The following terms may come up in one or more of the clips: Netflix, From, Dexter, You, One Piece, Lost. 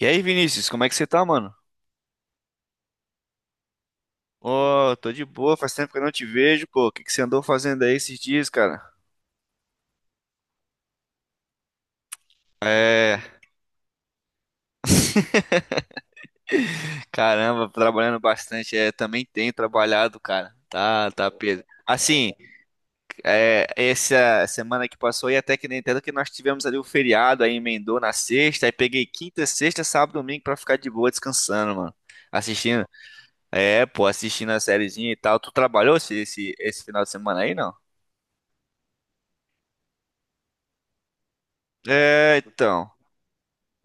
E aí, Vinícius, como é que você tá, mano? Ô, tô de boa, faz tempo que eu não te vejo, pô. O que que você andou fazendo aí esses dias, cara? Caramba, trabalhando bastante. É, também tenho trabalhado, cara. Tá, tá, Pedro. Assim, é, essa semana que passou aí, até que nem tanto que nós tivemos ali o feriado, aí emendou na sexta, aí peguei quinta, sexta, sábado, domingo pra ficar de boa descansando, mano. Assistindo, É, pô, assistindo a sériezinha e tal. Tu trabalhou esse final de semana aí, não? É, então.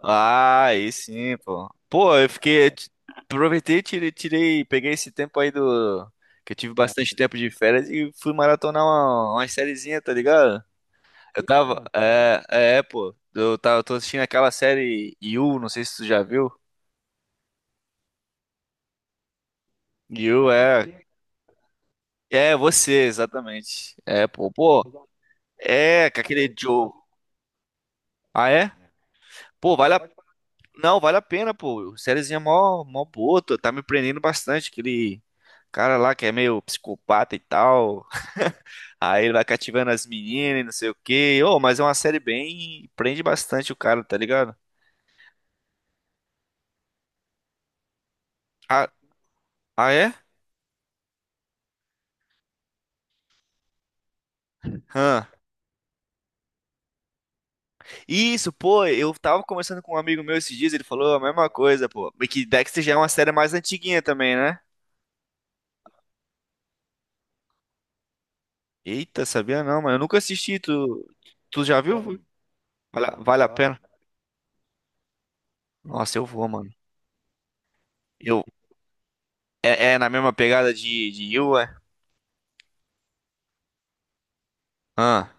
Ah, aí sim, pô. Pô, eu fiquei. Aproveitei, tirei, peguei esse tempo aí do. Que eu tive bastante tempo de férias e fui maratonar uma sériezinha, tá ligado? Eu tava. Pô. Eu tô assistindo aquela série You, não sei se tu já viu. You é. É, você, exatamente. É, pô. Pô, é, com aquele Joe. Ah, é? Pô, vale a Não, vale a pena, pô. Sériezinha mó, mó boa, tá me prendendo bastante. Aquele cara lá que é meio psicopata e tal. Aí ele vai cativando as meninas e não sei o quê. Ô, mas é uma série bem. Prende bastante o cara, tá ligado? Ah, ah é? Hã. Isso, pô, eu tava conversando com um amigo meu esses dias, ele falou a mesma coisa, pô. Mas que Dexter já é uma série mais antiguinha também, né? Eita, sabia não, mano. Eu nunca assisti, tu já viu? Vale a pena? Nossa, eu vou, mano. Eu É, na mesma pegada de You, é? Ah,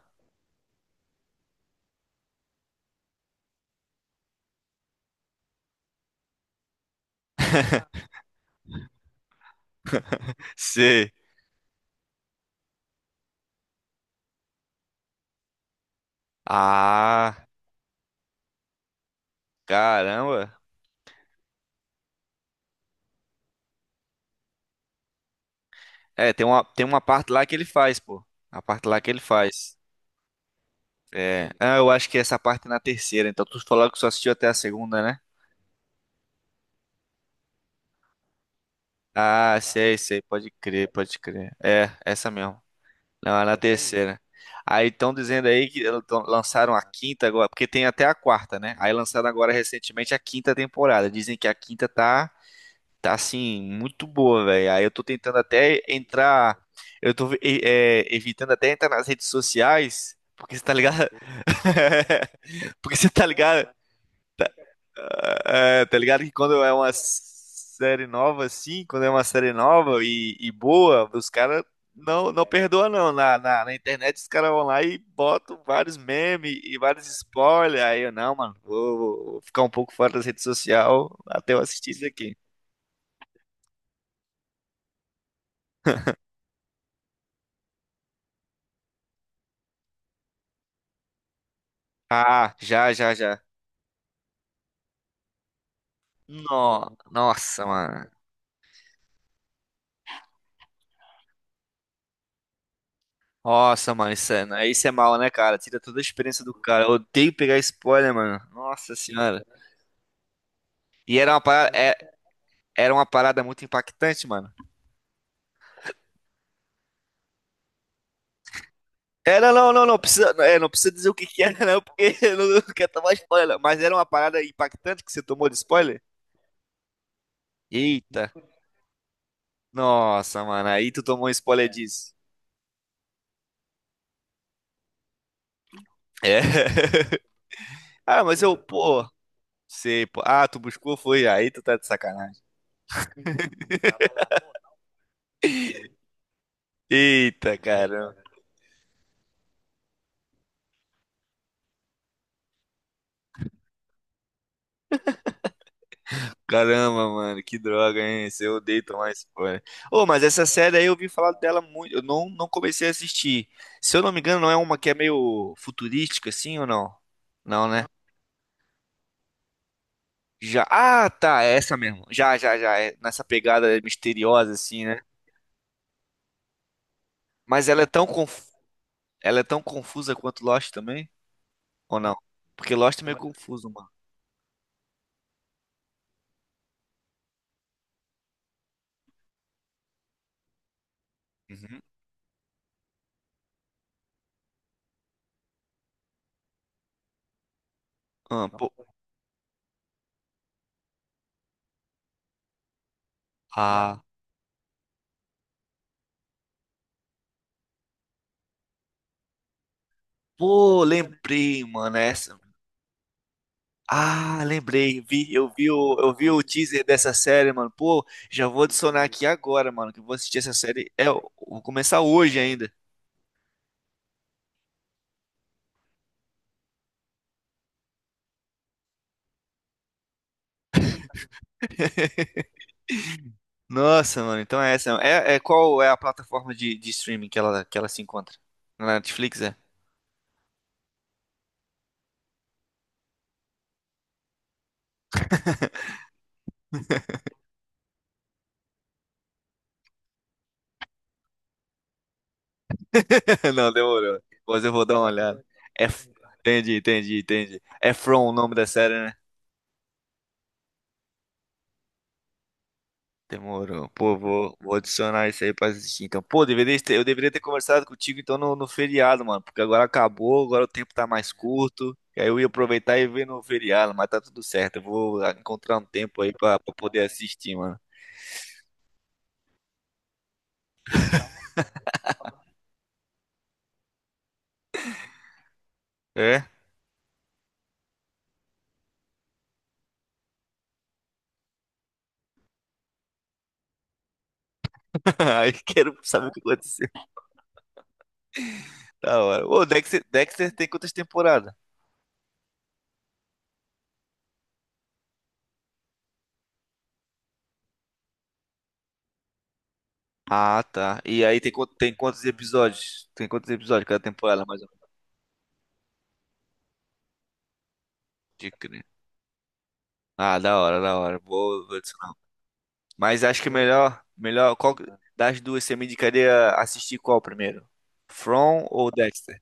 sei. Ah, caramba. É, tem uma parte lá que ele faz, pô. A parte lá que ele faz. É. Ah, eu acho que essa parte é na terceira. Então tu falou que só assistiu até a segunda, né? Ah, sei, sei. Pode crer, pode crer. É, essa mesmo. Não, é na terceira. Aí estão dizendo aí que lançaram a quinta agora, porque tem até a quarta, né? Aí lançaram agora recentemente a quinta temporada. Dizem que a quinta tá. Tá assim, muito boa, velho. Aí eu tô tentando até entrar. Eu tô evitando até entrar nas redes sociais, porque você tá ligado? Porque você tá ligado? Tá ligado que quando é uma série nova, assim, quando é uma série nova e boa, os caras não, não perdoa não. Na internet os caras vão lá e botam vários memes e vários spoilers. Aí eu, não, mano, vou ficar um pouco fora das redes sociais até eu assistir isso aqui. Ah, já, já, já. Nossa, mano. Nossa, mano, aí isso é mal, né, cara? Tira toda a experiência do cara. Eu odeio pegar spoiler, mano. Nossa senhora. E era uma parada muito impactante, mano. Não, não, não, não precisa, é, não precisa dizer o que que era, não, porque eu não quero tomar spoiler. Não. Mas era uma parada impactante que você tomou de spoiler? Eita. Nossa, mano, aí tu tomou um spoiler disso. É. Ah, mas eu, pô, sei, pô. Ah, tu buscou, foi, aí tu tá de sacanagem. Eita, cara. Caramba, mano, que droga, hein? Esse Eu odeio tomar spoiler. Ô, mas essa série aí eu ouvi falar dela muito. Eu não, não comecei a assistir. Se eu não me engano, não é uma que é meio futurística, assim ou não? Não, né? Já. Ah, tá, é essa mesmo. Já, já, já. É nessa pegada misteriosa, assim, né? Mas ela é tão conf... Ela é tão confusa quanto Lost também? Ou não? Porque Lost é meio confuso, mano. Uhum. Ah, pô... Ah, pô, lembrei, mano. Essa. Ah, lembrei, eu vi o teaser dessa série, mano. Pô, já vou adicionar aqui agora, mano, que eu vou assistir essa série. É, eu vou começar hoje ainda. Nossa, mano, então é essa. É, qual é a plataforma de streaming que ela se encontra? Na Netflix, é? Não, demorou. Depois eu vou dar uma olhada. É, f- Entendi, entendi, entendi. É From o nome da série, né? Demorou. Pô, vou adicionar isso aí pra assistir. Então, pô, eu deveria ter conversado contigo então no feriado, mano. Porque agora acabou, agora o tempo tá mais curto. E aí eu ia aproveitar e ver no feriado, mas tá tudo certo. Eu vou encontrar um tempo aí pra poder assistir, mano. É? Aí quero saber o que aconteceu. Da hora. Ô, Dexter, Dexter tem quantas temporadas? Ah, tá. E aí tem quantos episódios? Tem quantos episódios cada temporada, mais ou menos? De crer. Ah, da hora, da hora. Vou, vou Mas acho que é melhor, melhor, qual das duas você me indicaria assistir qual primeiro? From ou Dexter?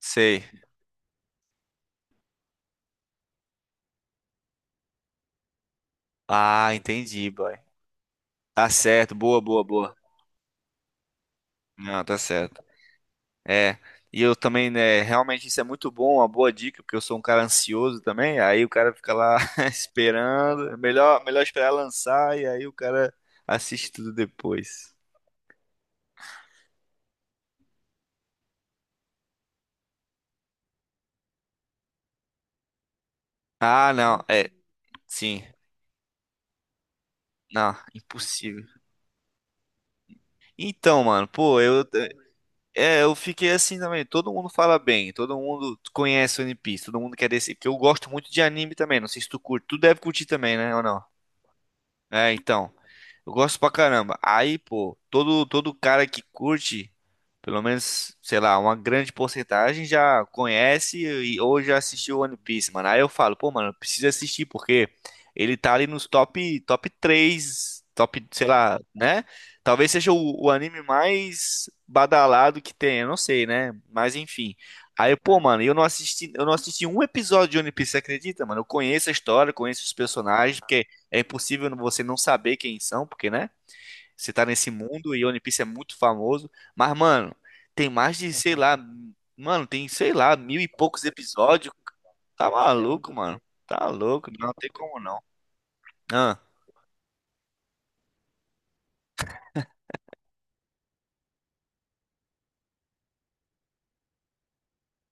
Sei. Ah, entendi, boy. Tá certo, boa, boa, boa. Não, tá certo. É, e eu também, né, realmente isso é muito bom, uma boa dica, porque eu sou um cara ansioso também, aí o cara fica lá esperando, é melhor, melhor esperar lançar e aí o cara assiste tudo depois. Ah, não, é, sim, não, impossível. Então, mano, pô, eu fiquei assim também. Todo mundo fala bem, todo mundo conhece One Piece, todo mundo quer desse. Porque eu gosto muito de anime também. Não sei se tu curte. Tu deve curtir também, né? Ou não? É, então. Eu gosto pra caramba. Aí, pô, todo cara que curte, pelo menos, sei lá, uma grande porcentagem já conhece ou já assistiu One Piece, mano. Aí eu falo, pô, mano, precisa assistir porque ele tá ali nos top, top 3, top, sei lá, né? Talvez seja o anime mais badalado que tem, eu não sei, né? Mas enfim. Aí, pô, mano, eu não assisti um episódio de One Piece, você acredita, mano? Eu conheço a história, conheço os personagens, porque é impossível você não saber quem são, porque, né? Você tá nesse mundo e One Piece é muito famoso. Mas, mano, tem mais de, sei lá, mano, tem, sei lá, mil e poucos episódios. Tá maluco, mano. Tá louco, não tem como não. Ah,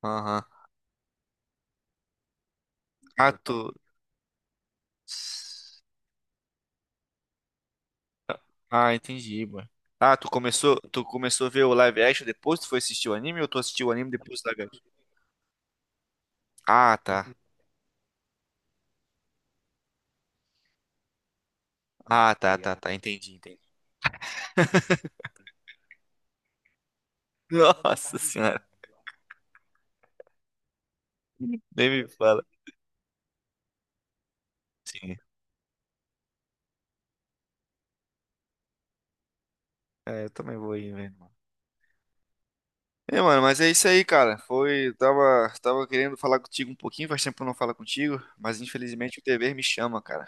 aham. Ah, tu. Ah, entendi, mano. Ah, tu começou a ver o live action depois? Tu foi assistir o anime ou tu assistiu o anime depois do live action? Ah, tá. Ah, tá, tá, tá. Entendi, entendi. Nossa senhora, nem me fala. Sim. É, eu também vou ir vendo. É, mano, mas é isso aí, cara. Tava querendo falar contigo um pouquinho, faz tempo que eu não falo contigo, mas infelizmente o dever me chama, cara.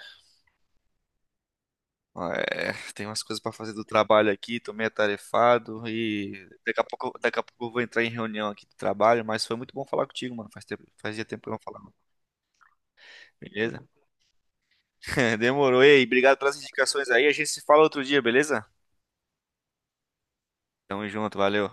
É, tem umas coisas pra fazer do trabalho aqui, tô meio atarefado e daqui a pouco eu vou entrar em reunião aqui do trabalho, mas foi muito bom falar contigo, mano. Faz tempo, fazia tempo que eu não falava. Beleza? Demorou. Ei, obrigado pelas indicações aí. A gente se fala outro dia, beleza? Tamo junto, valeu.